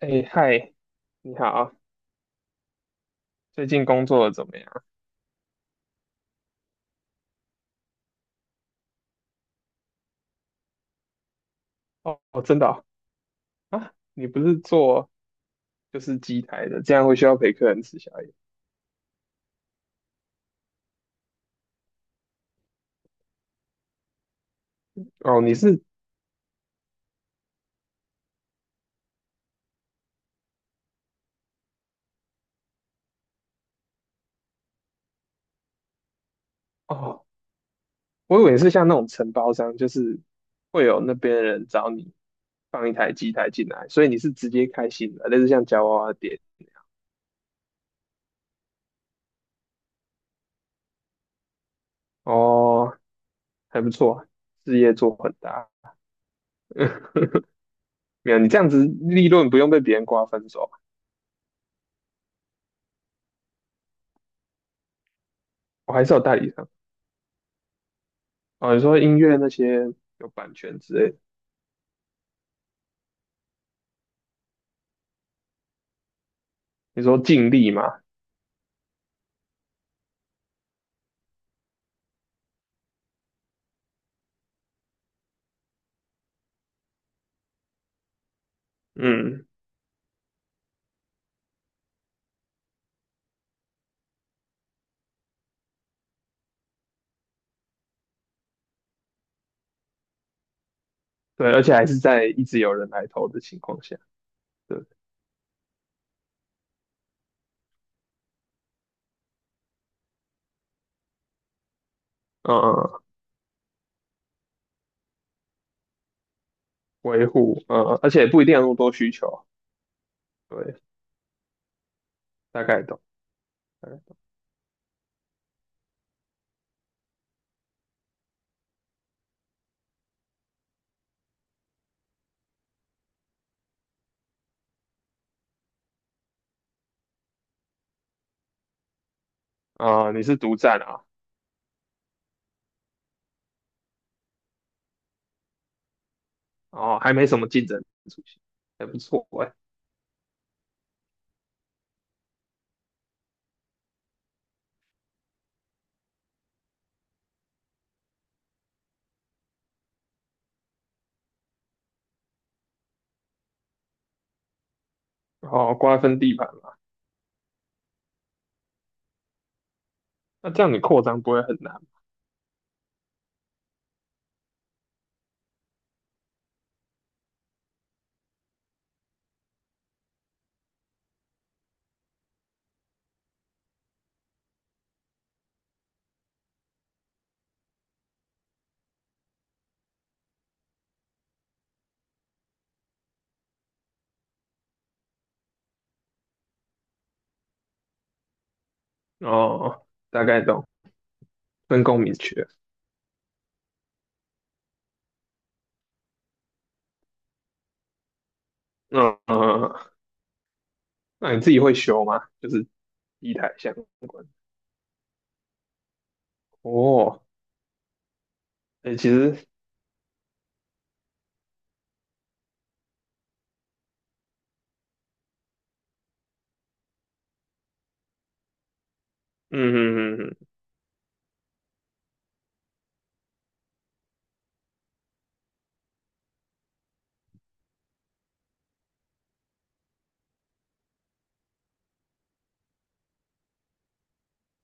哎，嗨，你好，最近工作得怎么样？哦，哦真的哦。啊，你不是做就是机台的，这样会需要陪客人吃宵夜。哦，你是。哦，我以为你是像那种承包商，就是会有那边的人找你放一台机台进来，所以你是直接开新的，类似像夹娃娃店。哦，还不错，事业做很大。没有，你这样子利润不用被别人瓜分走，我还是有代理商。哦，你说音乐那些有版权之类的，你说尽力嘛？嗯。对，而且还是在一直有人来投的情况下，对，嗯嗯，维护，而且不一定有那么多需求，对，大概懂，大概懂。啊、你是独占啊，哦，还没什么竞争出现，还不错哎、瓜分地盘嘛，那这样你扩张不会很难。哦，大概懂，分工明确，嗯嗯，嗯嗯。那你自己会修吗？就是地台相关的，哦，哎，其实，嗯嗯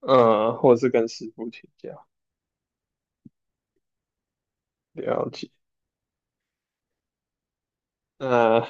嗯，或者是跟师傅请教，了解，那、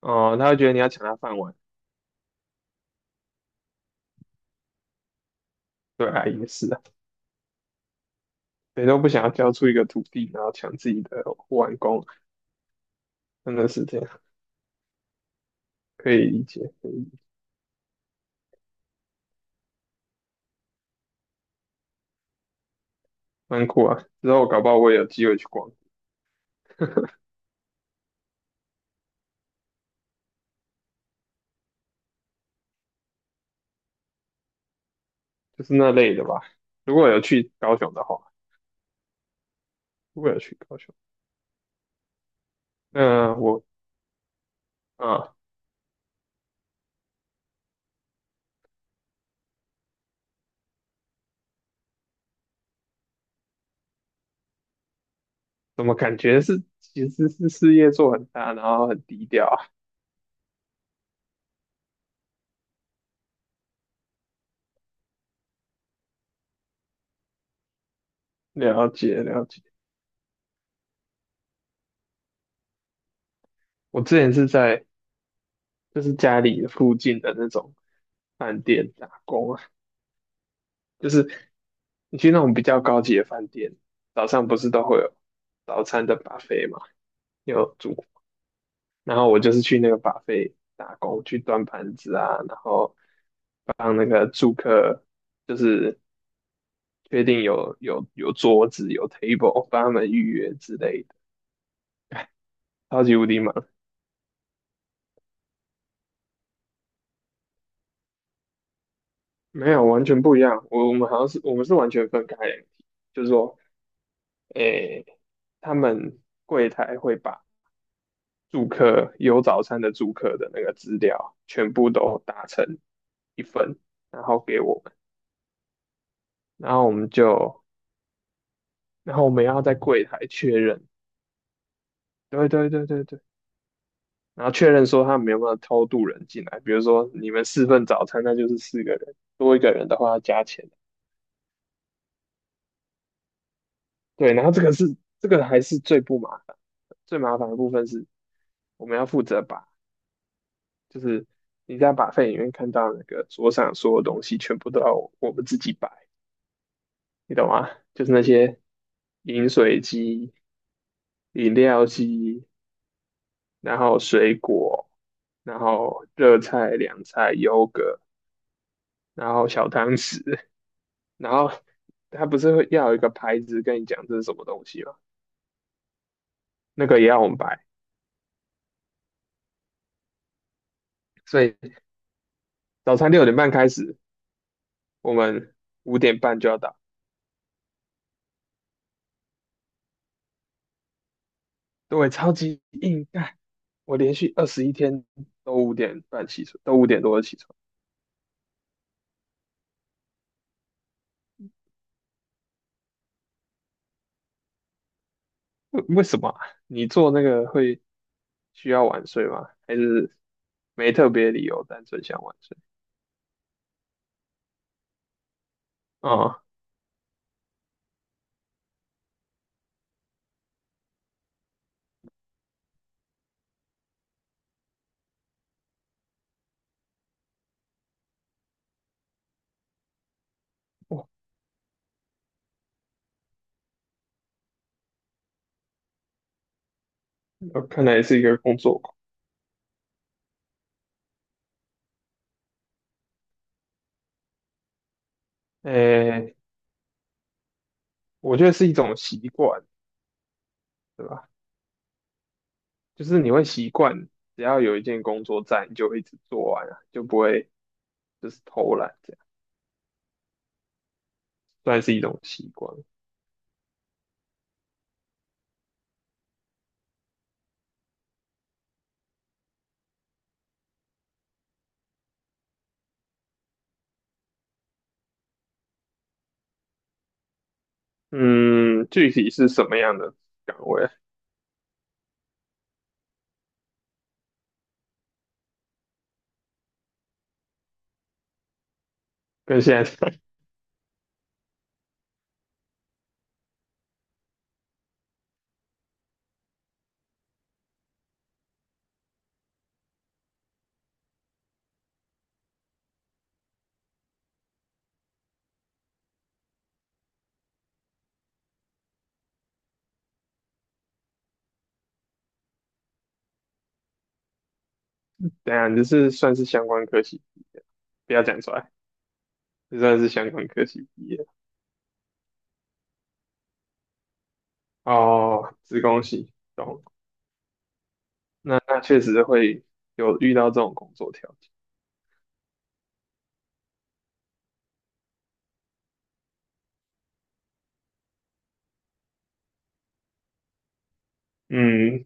哦，他会觉得你要抢他饭碗，对啊，也是啊，谁都不想要交出一个土地，然后抢自己的碗工，真的是这样，可以理解，可以理解。蛮酷啊。之后搞不好我也有机会去逛，就是那类的吧。如果有去高雄的话，如果有去高雄，那我啊，怎么感觉是其实是事业做很大，然后很低调啊？了解了解，我之前是在就是家里附近的那种饭店打工啊。就是。你去那种比较高级的饭店，早上不是都会有早餐的 buffet 嘛，有煮。然后我就是去那个 buffet 打工，去端盘子啊，然后帮那个住客，就是确定有桌子有 table，帮他们预约之类的，超级无敌忙。没有，完全不一样。我们好像是我们是完全分开两体，就是说，诶，他们。柜台会把。住客有早餐的住客的那个资料全部都打成一份，然后给我们，然后我们就，然后我们要在柜台确认，对对对对对，然后确认说他们有没有偷渡人进来，比如说你们四份早餐，那就是四个人，多一个人的话要加钱，对，然后这个还是最不麻烦，最麻烦的部分是我们要负责把就是。你在把费里面看到那个桌上所有东西，全部都要我们自己摆。你懂吗？就是那些饮水机、饮料机，然后水果，然后热菜、凉菜、优格，然后小汤匙，然后他不是会要有一个牌子跟你讲这是什么东西吗？那个也要我们摆，所以早餐6点半开始，我们五点半就要到。对，超级硬干，我连续21天都五点半起床，都5点多就起床。为什么啊，你做那个会需要晚睡吗？还是没特别理由，单纯想晚睡？啊、我我看来是一个工作狂。诶，我觉得是一种习惯，对吧？就是你会习惯，只要有一件工作在，你就会一直做完啊，就不会就是偷懒这样，算是一种习惯。嗯，具体是什么样的岗位啊，跟现在 等一下你这是算是相关科系，不要讲出来，这算是相关科系毕业。哦，子宫系，懂。那确实会有遇到这种工作条件。嗯，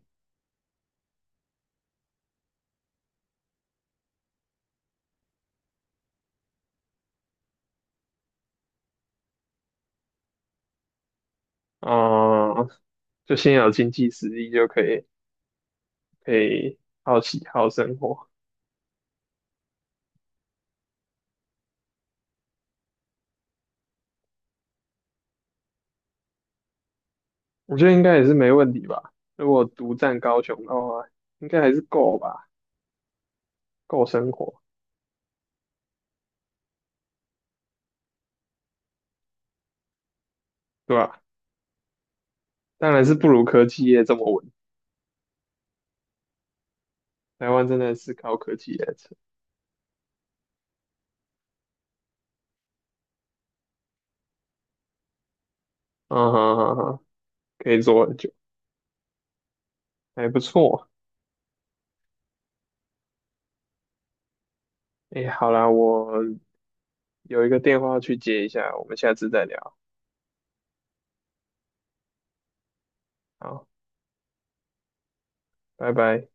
哦、就先有经济实力就可以好奇好生活，我觉得应该也是没问题吧。如果独占高雄的话，应该还是够吧，够生活，对吧？当然是不如科技业这么稳。台湾真的是高科技业城，嗯哼哼哼可以做很久，还不错。哎，好啦，我有一个电话去接一下，我们下次再聊。好。拜拜。